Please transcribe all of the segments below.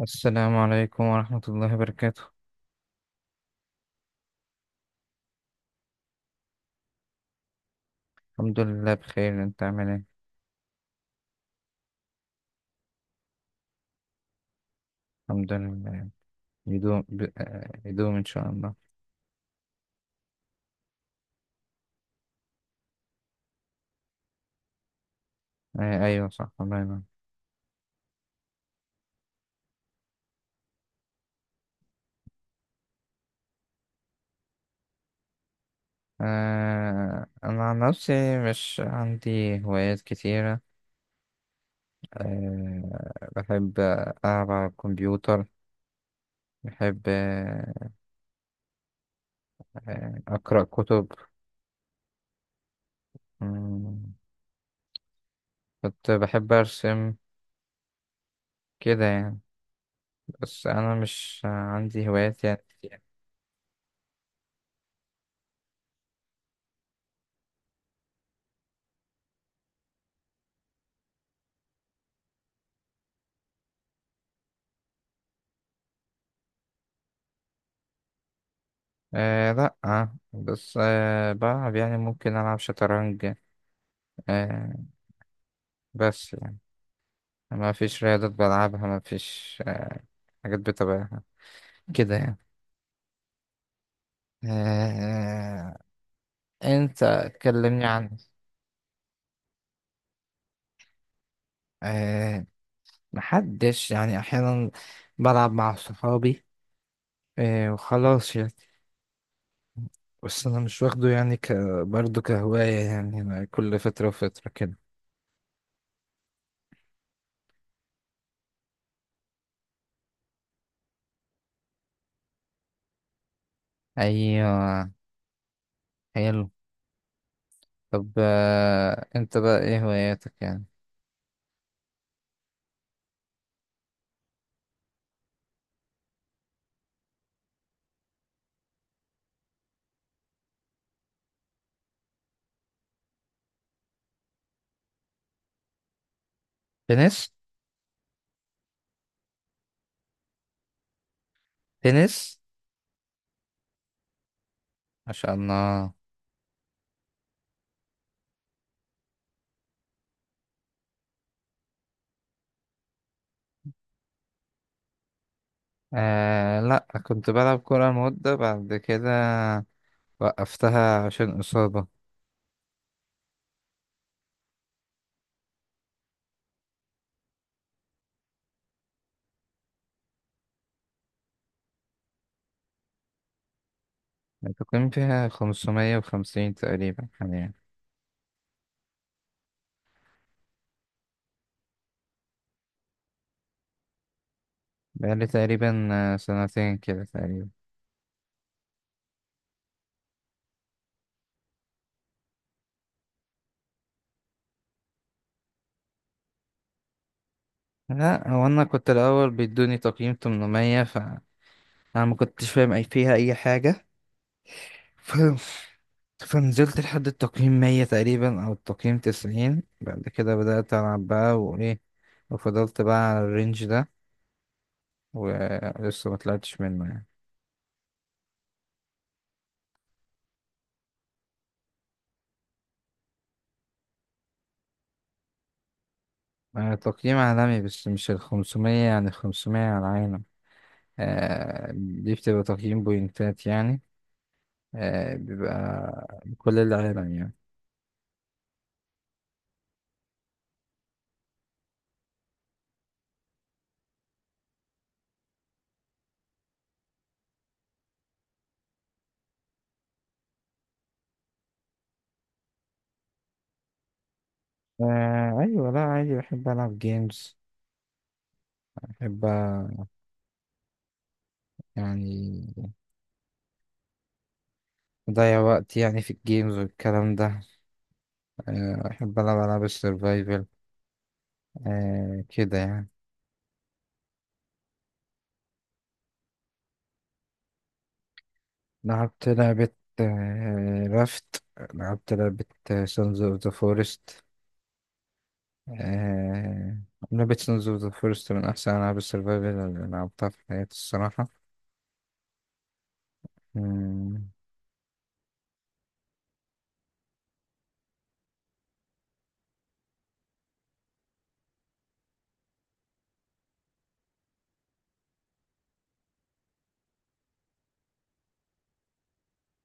السلام عليكم ورحمة الله وبركاته. الحمد لله بخير، انت عامل ايه؟ الحمد لله. يدوم ان شاء الله. ايوه، صح، الله ينور. انا عن نفسي مش عندي هوايات كتيرة. بحب العب على الكمبيوتر. بحب اقرأ كتب. مم، كنت بحب ارسم، كده يعني. بس انا مش عندي هوايات يعني. لأ، بس بلعب، يعني ممكن ألعب شطرنج. آه بس يعني ما فيش رياضات بلعبها، ما فيش حاجات بتابعها، كده يعني. آه أنت، كلمني عن. آه محدش، يعني أحيانا بلعب مع صحابي، وخلاص يعني. بس أنا مش واخده يعني برضه كهواية، يعني أنا كل فترة وفترة كده. أيوة، حلو. طب أنت بقى إيه هواياتك يعني؟ تنس. تنس. ما شاء الله. لا، كنت بلعب كورة مدة، بعد كده وقفتها عشان إصابة. التقييم فيها 550 تقريبا حاليا. بقالي تقريبا سنتين كده تقريبا. لا، هو أنا كنت الأول بيدوني تقييم 800، فأنا ما كنتش فاهم فيها أي حاجة. ف... فنزلت لحد التقييم 100 تقريبا، أو التقييم 90. بعد كده بدأت ألعب بقى وإيه، وفضلت بقى على الرينج ده، ولسه ما طلعتش منه يعني. تقييم عالمي، بس مش الخمسمية، يعني الخمسمية على العالم. دي بتبقى تقييم بوينتات يعني. بيبقى كل العالم يعني. أيوة، لا عادي، بحب ألعب جيمز. بحب يعني أضيع وقت يعني في الجيمز والكلام ده. بحب ألعب ألعاب السرفايفل. كده يعني. لعبت لعبة رافت. لعبت لعبة سانز اوف ذا فورست. آه... لعبة سونز أوف ذا فورست من أحسن ألعاب السرفايفل اللي لعبتها في حياتي الصراحة. مم،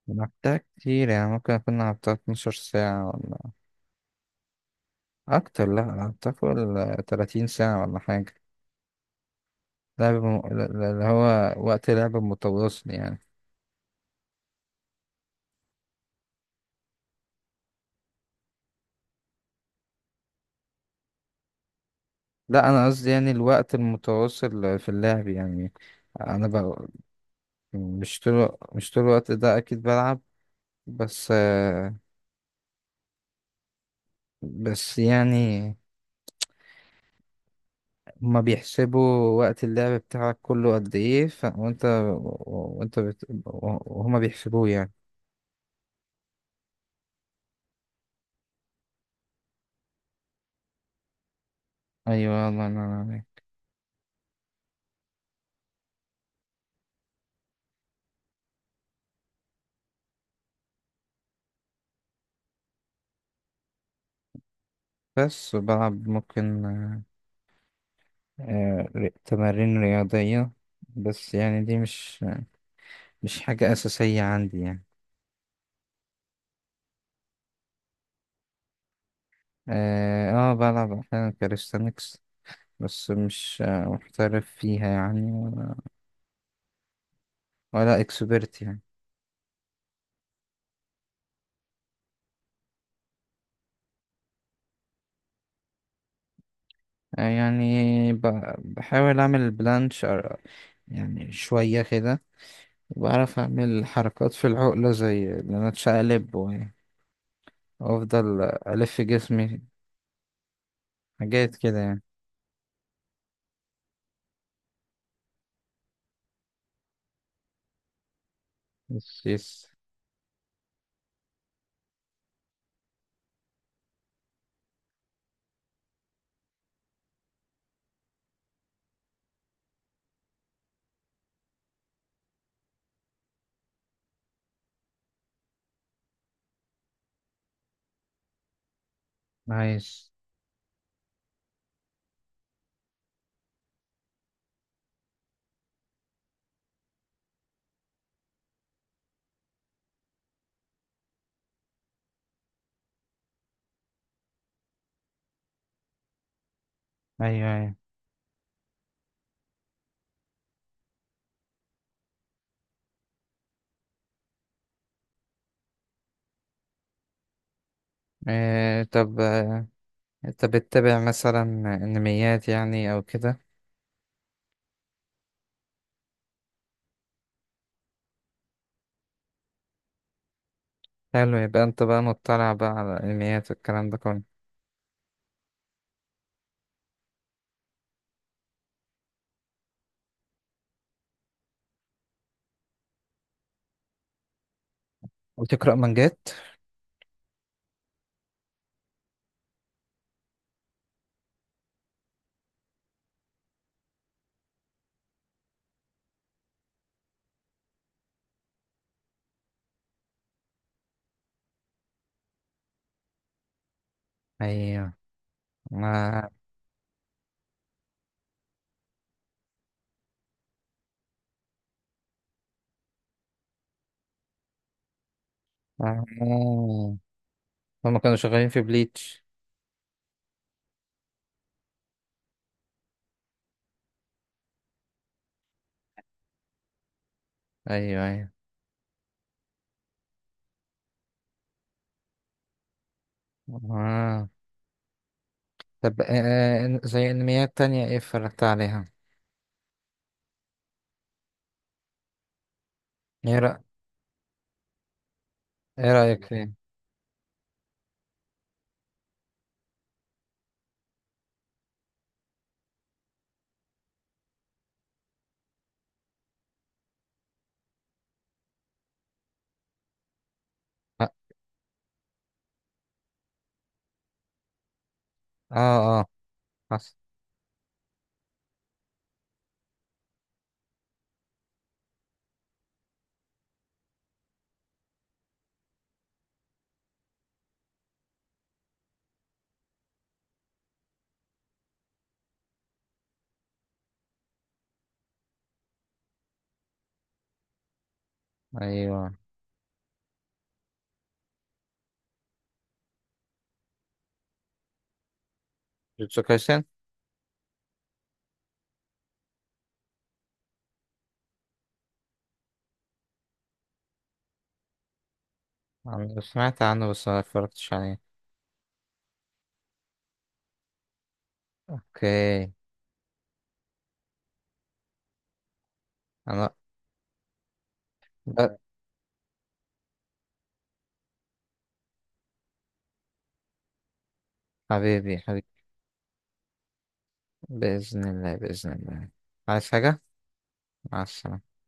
لعبتها كتير، يعني ممكن أكون لعبتها 12 ساعة ولا أكتر. لأ، لعبتها فوق ال 30 ساعة ولا حاجة. اللي هو وقت لعب متواصل يعني. لأ، أنا قصدي يعني الوقت المتواصل في اللعب يعني. أنا ب... مش طول الوقت ده أكيد بلعب. بس آه، بس يعني هما بيحسبوا وقت اللعب بتاعك كله قد ايه. ف... وانت وانت بت... وهما بيحسبوه يعني. ايوه، الله ينور عليك. بس بلعب ممكن تمارين رياضية. بس يعني دي مش حاجة أساسية عندي يعني. اه، بلعب أحيانا كاليستانكس، بس مش محترف فيها يعني، ولا اكسبرت يعني. يعني بحاول أعمل بلانش، يعني شوية كده. بعرف أعمل حركات في العقلة، زي إن أنا أتشقلب وأفضل ألف جسمي، حاجات كده يعني. يس، يس. نايس. أيوه، أيوه. طب أنت بتتابع مثلا أنميات، يعني أو كده؟ حلو، يبقى أنت بقى مطلع بقى على الأنميات والكلام ده كله. وتقرأ مانجات؟ أيوه. ما آه. هما كانوا شغالين في بليتش. أيوه، أيوه. آه. طب زي أنميات تانية إيه اتفرجت عليها؟ ايه ايه رأيك فيه؟ اه، اه، حصل. ايوه، جوتسو كايسن. أنا سمعت عنه بس ما اتفرجتش عليه. اوكي. انا ب- حبيبي، حبيبي. بإذن الله، بإذن الله. عايز حاجة؟ مع السلامة.